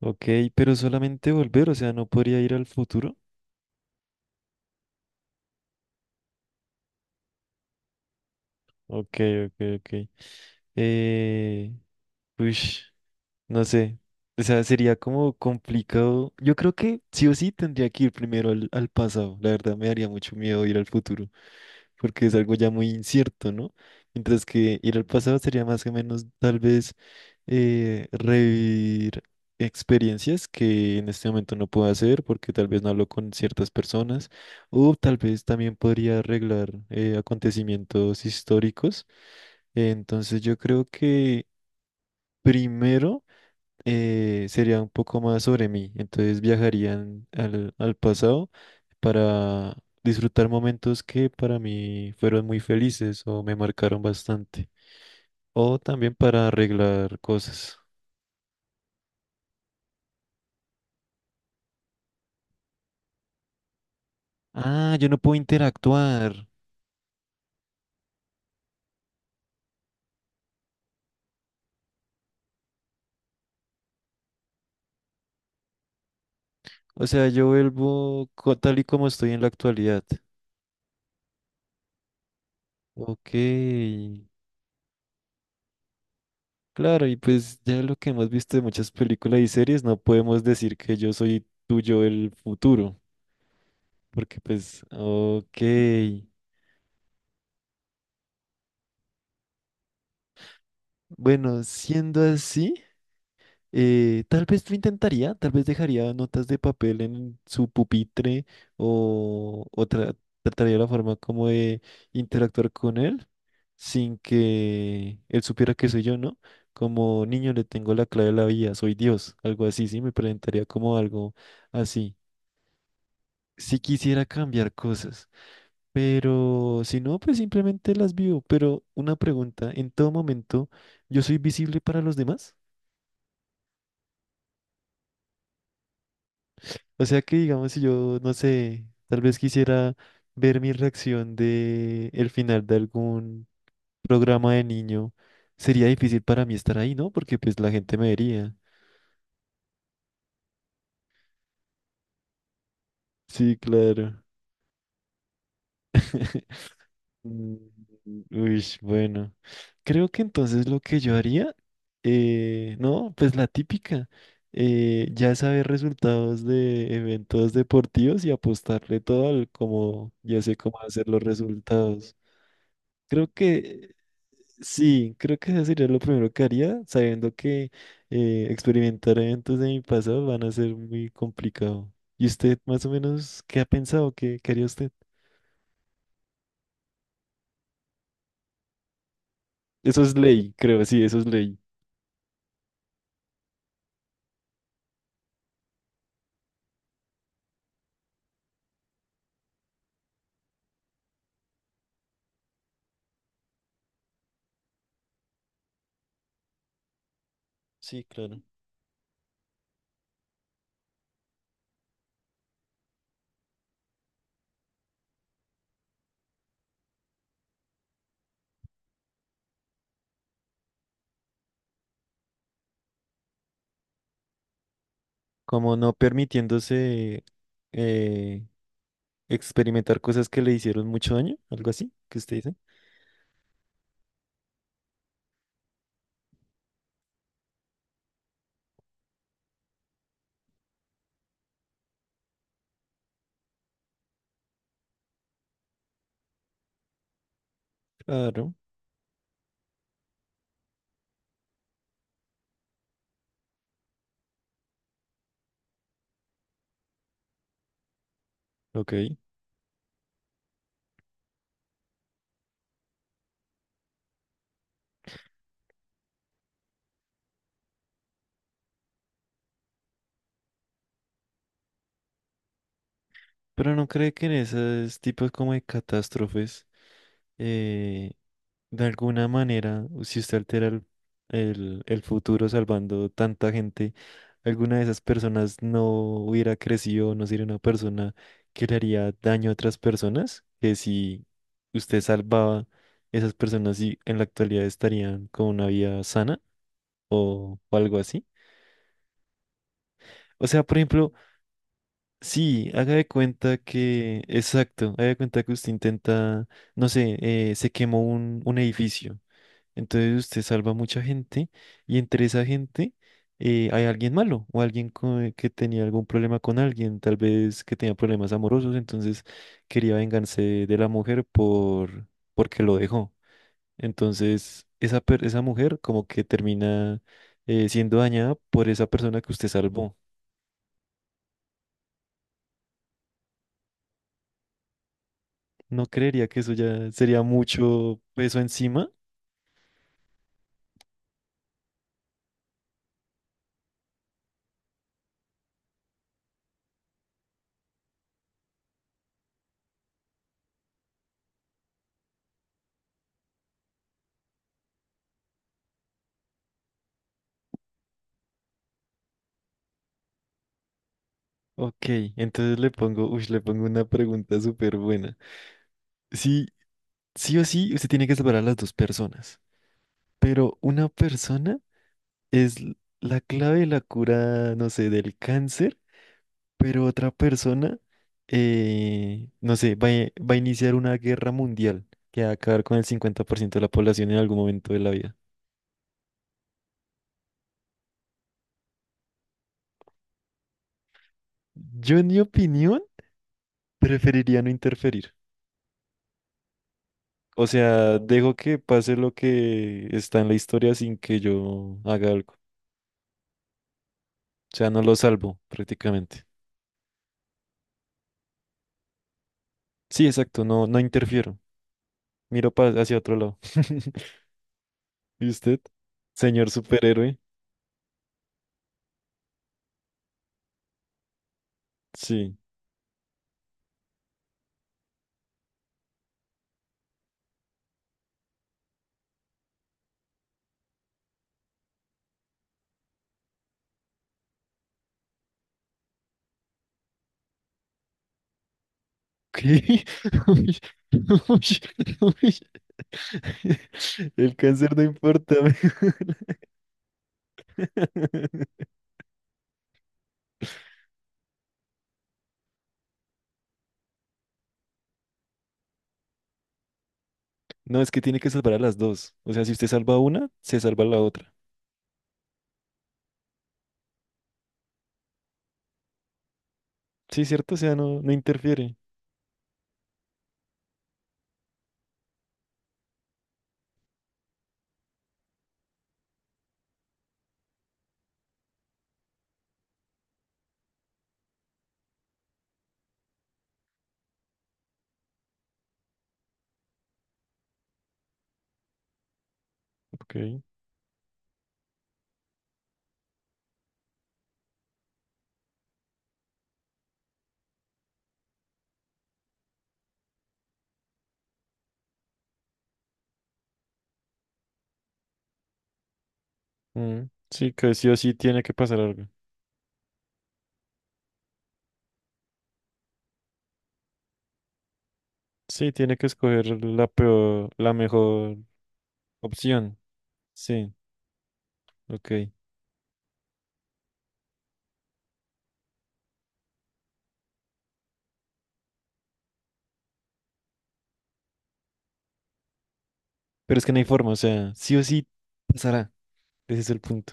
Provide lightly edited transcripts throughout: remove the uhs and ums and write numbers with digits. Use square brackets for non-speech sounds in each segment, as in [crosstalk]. Ok, pero solamente volver, o sea, no podría ir al futuro. Ok, ok, ok. Eh, uish, no sé. O sea, sería como complicado. Yo creo que sí o sí tendría que ir primero al pasado. La verdad me daría mucho miedo ir al futuro, porque es algo ya muy incierto, ¿no? Mientras que ir al pasado sería más o menos tal vez revivir experiencias que en este momento no puedo hacer porque tal vez no hablo con ciertas personas, o tal vez también podría arreglar acontecimientos históricos. Entonces yo creo que primero sería un poco más sobre mí. Entonces viajarían al pasado para disfrutar momentos que para mí fueron muy felices o me marcaron bastante. O también para arreglar cosas. Ah, yo no puedo interactuar. O sea, yo vuelvo tal y como estoy en la actualidad. Ok. Claro, y pues ya lo que hemos visto de muchas películas y series, no podemos decir que yo soy tuyo el futuro. Porque pues, ok. Bueno, siendo así, tal vez lo intentaría, tal vez dejaría notas de papel en su pupitre o trataría la forma como de interactuar con él sin que él supiera que soy yo, ¿no? Como niño le tengo la clave de la vida, soy Dios, algo así, sí, me presentaría como algo así. Si quisiera cambiar cosas, pero si no, pues simplemente las vivo. Pero una pregunta, ¿en todo momento yo soy visible para los demás? O sea que digamos, si yo, no sé, tal vez quisiera ver mi reacción de el final de algún programa de niño, sería difícil para mí estar ahí, ¿no? Porque pues la gente me vería. Sí, claro. [laughs] Mm, uy, bueno. Creo que entonces lo que yo haría, no, pues la típica, ya saber resultados de eventos deportivos y apostarle todo al como, ya sé cómo hacer los resultados. Creo que sí, creo que eso sería lo primero que haría, sabiendo que experimentar eventos de mi pasado van a ser muy complicado. ¿Y usted más o menos qué ha pensado? ¿Qué, qué haría usted? Eso es ley, creo, sí, eso es ley. Sí, claro. Como no permitiéndose eh, experimentar cosas que le hicieron mucho daño, algo así, que usted dice. Claro, ok. Pero no cree que en esos tipos como de catástrofes, eh, de alguna manera, si usted altera el futuro salvando tanta gente, alguna de esas personas no hubiera crecido, no sería una persona que le haría daño a otras personas, que si usted salvaba esas personas y en la actualidad estarían con una vida sana o algo así. O sea, por ejemplo, sí, haga de cuenta que, exacto, haga de cuenta que usted intenta, no sé, se quemó un edificio. Entonces usted salva a mucha gente y entre esa gente hay alguien malo o alguien que tenía algún problema con alguien, tal vez que tenía problemas amorosos, entonces quería vengarse de la mujer por porque lo dejó. Entonces esa esa mujer como que termina siendo dañada por esa persona que usted salvó. No creería que eso ya sería mucho peso encima. Ok, entonces le pongo, uy, le pongo una pregunta súper buena. Sí, sí o sí, usted tiene que separar a las dos personas. Pero una persona es la clave de la cura, no sé, del cáncer, pero otra persona, no sé, va a iniciar una guerra mundial que va a acabar con el 50% de la población en algún momento de la vida. Yo, en mi opinión, preferiría no interferir. O sea, dejo que pase lo que está en la historia sin que yo haga algo. O sea, no lo salvo prácticamente. Sí, exacto, no, no interfiero. Miro hacia otro lado. [laughs] ¿Y usted? Señor superhéroe. Sí. ¿Qué? [laughs] Uy, uy, uy. [laughs] El cáncer no importa. [laughs] No, es que tiene que salvar a las dos. O sea, si usted salva a una, se salva la otra. Sí, cierto, o sea, no, no interfiere. Ok. Mm, sí, que sí o sí tiene que pasar algo. Sí, tiene que escoger la peor, la mejor opción. Sí, ok. Pero es que no hay forma, o sea, sí o sí pasará. Ese es el punto.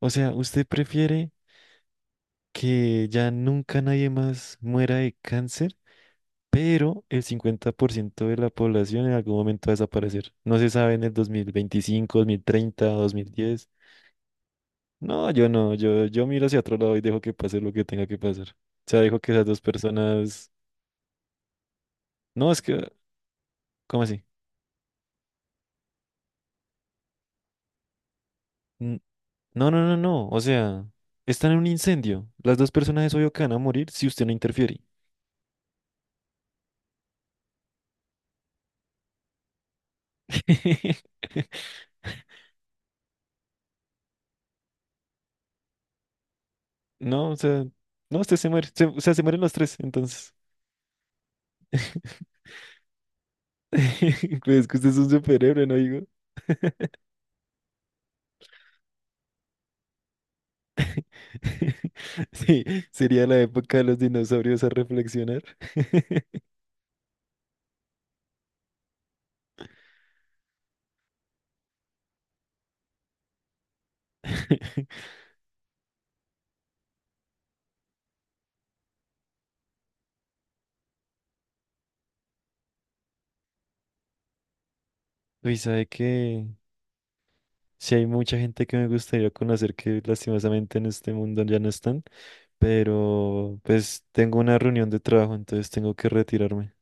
O sea, ¿usted prefiere que ya nunca nadie más muera de cáncer, pero el 50% de la población en algún momento va a desaparecer? No se sabe en el 2025, 2030, 2010. No, yo no, yo miro hacia otro lado y dejo que pase lo que tenga que pasar. O sea, dejo que esas dos personas... No, es que... ¿Cómo así? N- No, no, no, no. O sea, están en un incendio. Las dos personas es obvio que van a morir si usted no interfiere. [laughs] No, o sea, no, usted se muere. O sea, se mueren los tres, entonces. [laughs] Pues es que usted es un superhéroe, ¿no, digo? [laughs] Sí, sería la época de los dinosaurios a reflexionar. [laughs] Uy, ¿sabe que sí, hay mucha gente que me gustaría conocer que lastimosamente en este mundo ya no están, pero pues tengo una reunión de trabajo, entonces tengo que retirarme.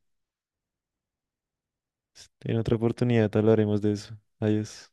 En otra oportunidad hablaremos de eso. Adiós.